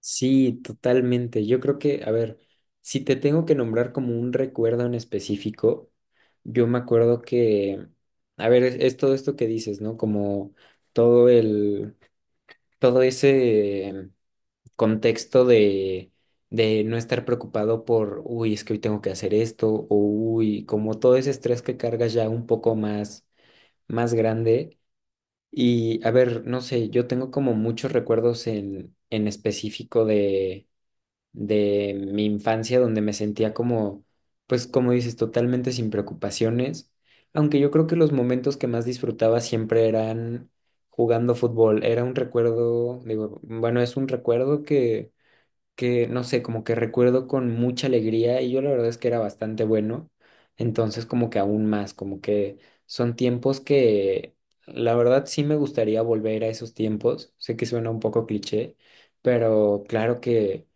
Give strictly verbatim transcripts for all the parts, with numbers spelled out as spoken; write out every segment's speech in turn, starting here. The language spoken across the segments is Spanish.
Sí, totalmente. Yo creo que, a ver, si te tengo que nombrar como un recuerdo en específico, yo me acuerdo que, a ver, es, es todo esto que dices, ¿no? Como todo el, todo ese contexto de, de no estar preocupado por, uy, es que hoy tengo que hacer esto, o uy, como todo ese estrés que cargas ya un poco más, más grande. Y, a ver, no sé, yo tengo como muchos recuerdos en, en específico de de mi infancia donde me sentía como, pues como dices, totalmente sin preocupaciones, aunque yo creo que los momentos que más disfrutaba siempre eran jugando fútbol, era un recuerdo, digo, bueno, es un recuerdo que, que no sé, como que recuerdo con mucha alegría y yo la verdad es que era bastante bueno, entonces como que aún más, como que son tiempos que... La verdad sí me gustaría volver a esos tiempos, sé que suena un poco cliché, pero claro que,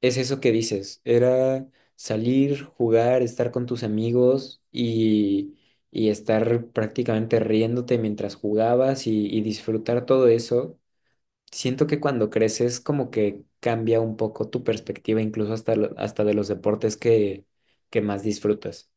es eso que dices, era salir, jugar, estar con tus amigos y, y estar prácticamente riéndote mientras jugabas y, y disfrutar todo eso. Siento que cuando creces como que cambia un poco tu perspectiva, incluso hasta, lo- hasta de los deportes que, que más disfrutas.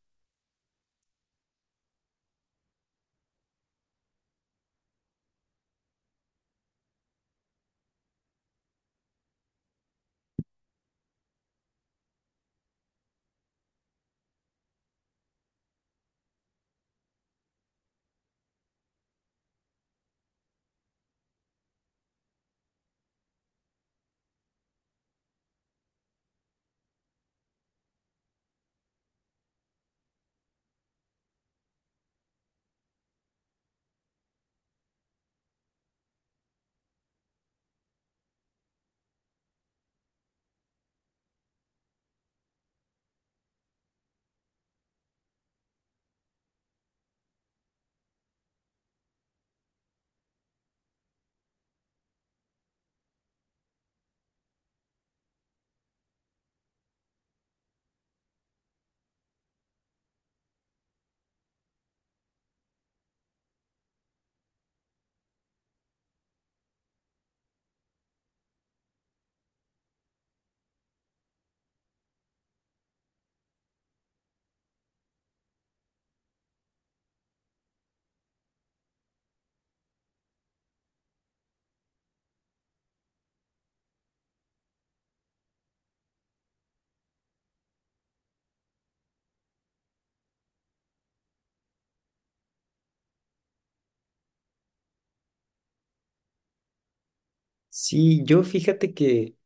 Sí, yo fíjate que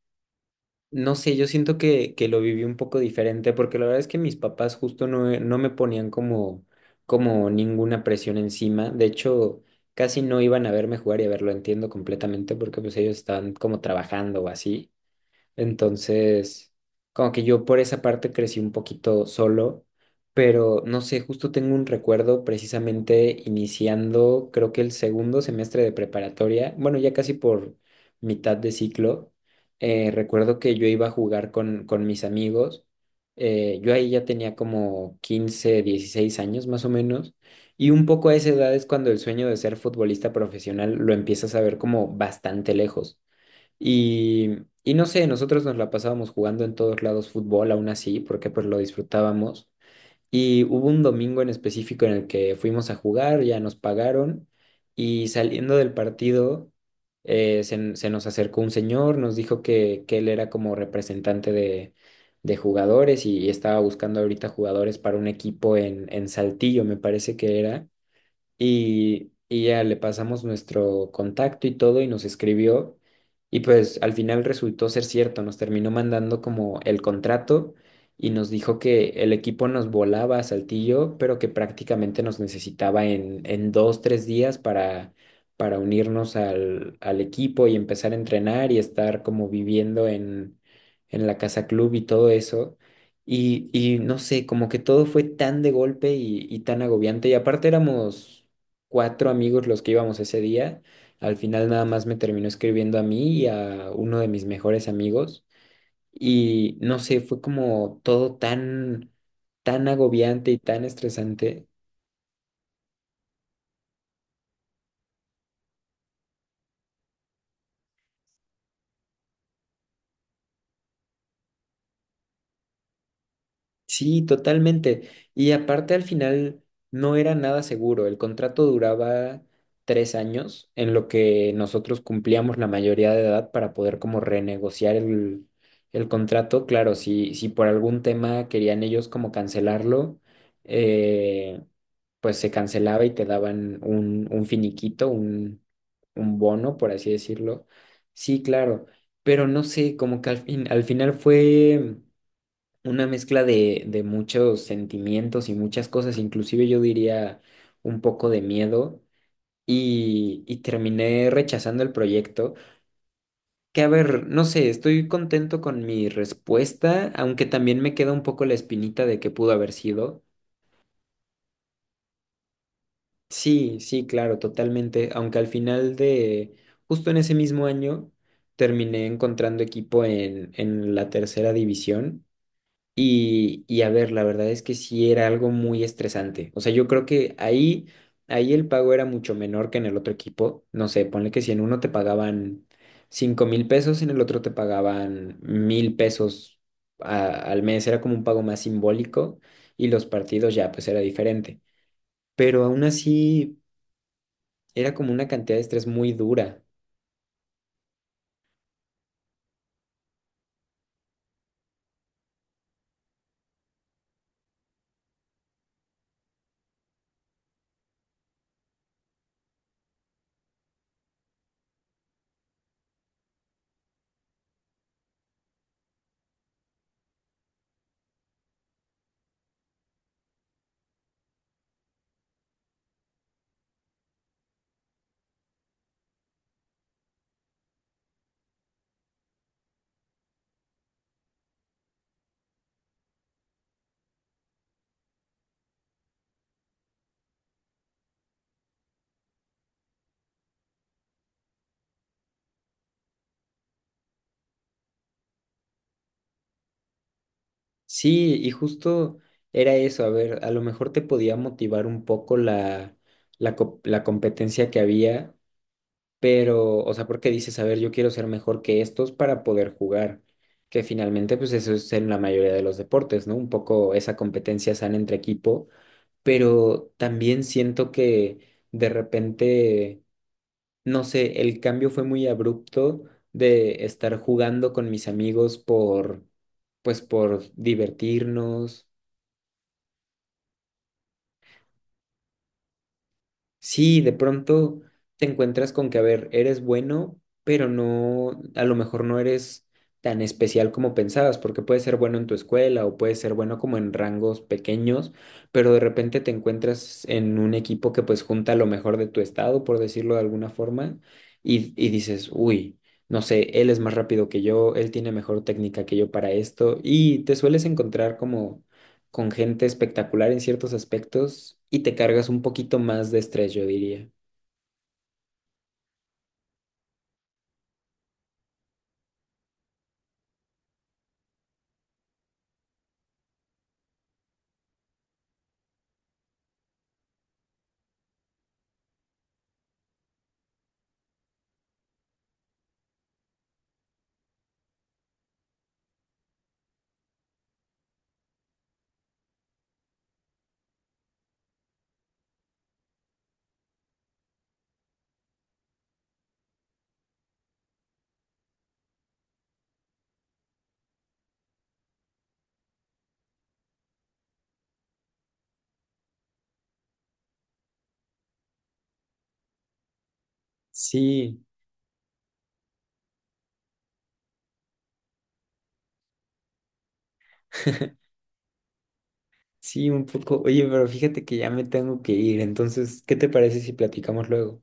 no sé, yo siento que, que lo viví un poco diferente porque la verdad es que mis papás justo no, eh, no me ponían como, como ninguna presión encima. De hecho, casi no iban a verme jugar y a verlo, entiendo completamente porque pues ellos estaban como trabajando o así. Entonces, como que yo por esa parte crecí un poquito solo, pero no sé, justo tengo un recuerdo precisamente iniciando, creo que el segundo semestre de preparatoria, bueno, ya casi por mitad de ciclo, eh, recuerdo que yo iba a jugar con, con mis amigos. Eh, yo ahí ya tenía como quince dieciséis años más o menos. Y un poco a esa edad es cuando el sueño de ser futbolista profesional lo empiezas a ver como bastante lejos. Y, y no sé, nosotros nos la pasábamos jugando en todos lados fútbol, aún así, porque pues lo disfrutábamos. Y hubo un domingo en específico en el que fuimos a jugar, ya nos pagaron y saliendo del partido eh, se, se nos acercó un señor, nos dijo que, que él era como representante de, de jugadores y, y estaba buscando ahorita jugadores para un equipo en, en Saltillo, me parece que era y, y ya le pasamos nuestro contacto y todo y nos escribió y pues al final resultó ser cierto, nos terminó mandando como el contrato y nos dijo que el equipo nos volaba a Saltillo, pero que prácticamente nos necesitaba en, en dos, tres días para, para unirnos al, al equipo y empezar a entrenar y estar como viviendo en, en la casa club y todo eso. Y, y no sé, como que todo fue tan de golpe y, y tan agobiante. Y aparte éramos cuatro amigos los que íbamos ese día. Al final nada más me terminó escribiendo a mí y a uno de mis mejores amigos. Y no sé, fue como todo tan, tan agobiante y tan estresante. Sí, totalmente. Y aparte al final no era nada seguro. El contrato duraba tres años en lo que nosotros cumplíamos la mayoría de edad para poder como renegociar el, el contrato. Claro, si, si por algún tema querían ellos como cancelarlo, eh, pues se cancelaba y te daban un, un finiquito, un, un bono, por así decirlo. Sí, claro. Pero no sé, como que al fin, al final fue una mezcla de, de muchos sentimientos y muchas cosas, inclusive yo diría un poco de miedo y, y terminé rechazando el proyecto, que a ver, no sé, estoy contento con mi respuesta, aunque también me queda un poco la espinita de que pudo haber sido. Sí, sí, claro, totalmente, aunque al final de, justo en ese mismo año, terminé encontrando equipo en, en la tercera división. Y, y a ver, la verdad es que sí era algo muy estresante. O sea, yo creo que ahí, ahí el pago era mucho menor que en el otro equipo. No sé, ponle que si en uno te pagaban cinco mil pesos, en el otro te pagaban mil pesos a- al mes. Era como un pago más simbólico y los partidos ya, pues era diferente. Pero aún así era como una cantidad de estrés muy dura. Sí, y justo era eso, a ver, a lo mejor te podía motivar un poco la, la, co- la competencia que había, pero, o sea, porque dices, a ver, yo quiero ser mejor que estos para poder jugar, que finalmente, pues eso es en la mayoría de los deportes, ¿no? Un poco esa competencia sana entre equipo, pero también siento que de repente, no sé, el cambio fue muy abrupto de estar jugando con mis amigos por, pues por divertirnos. Sí, de pronto te encuentras con que, a ver, eres bueno, pero no, a lo mejor no eres tan especial como pensabas, porque puedes ser bueno en tu escuela o puedes ser bueno como en rangos pequeños, pero de repente te encuentras en un equipo que pues junta lo mejor de tu estado, por decirlo de alguna forma, y, y dices, uy, no sé, él es más rápido que yo, él tiene mejor técnica que yo para esto, y te sueles encontrar como con gente espectacular en ciertos aspectos y te cargas un poquito más de estrés, yo diría. Sí, sí, un poco. Oye, pero fíjate que ya me tengo que ir, entonces, ¿qué te parece si platicamos luego?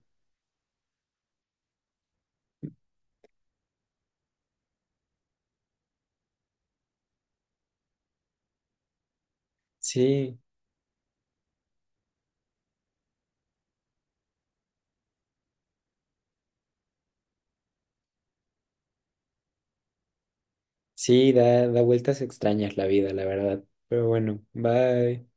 Sí, sí, da, da vueltas extrañas la vida, la verdad. Pero bueno, bye.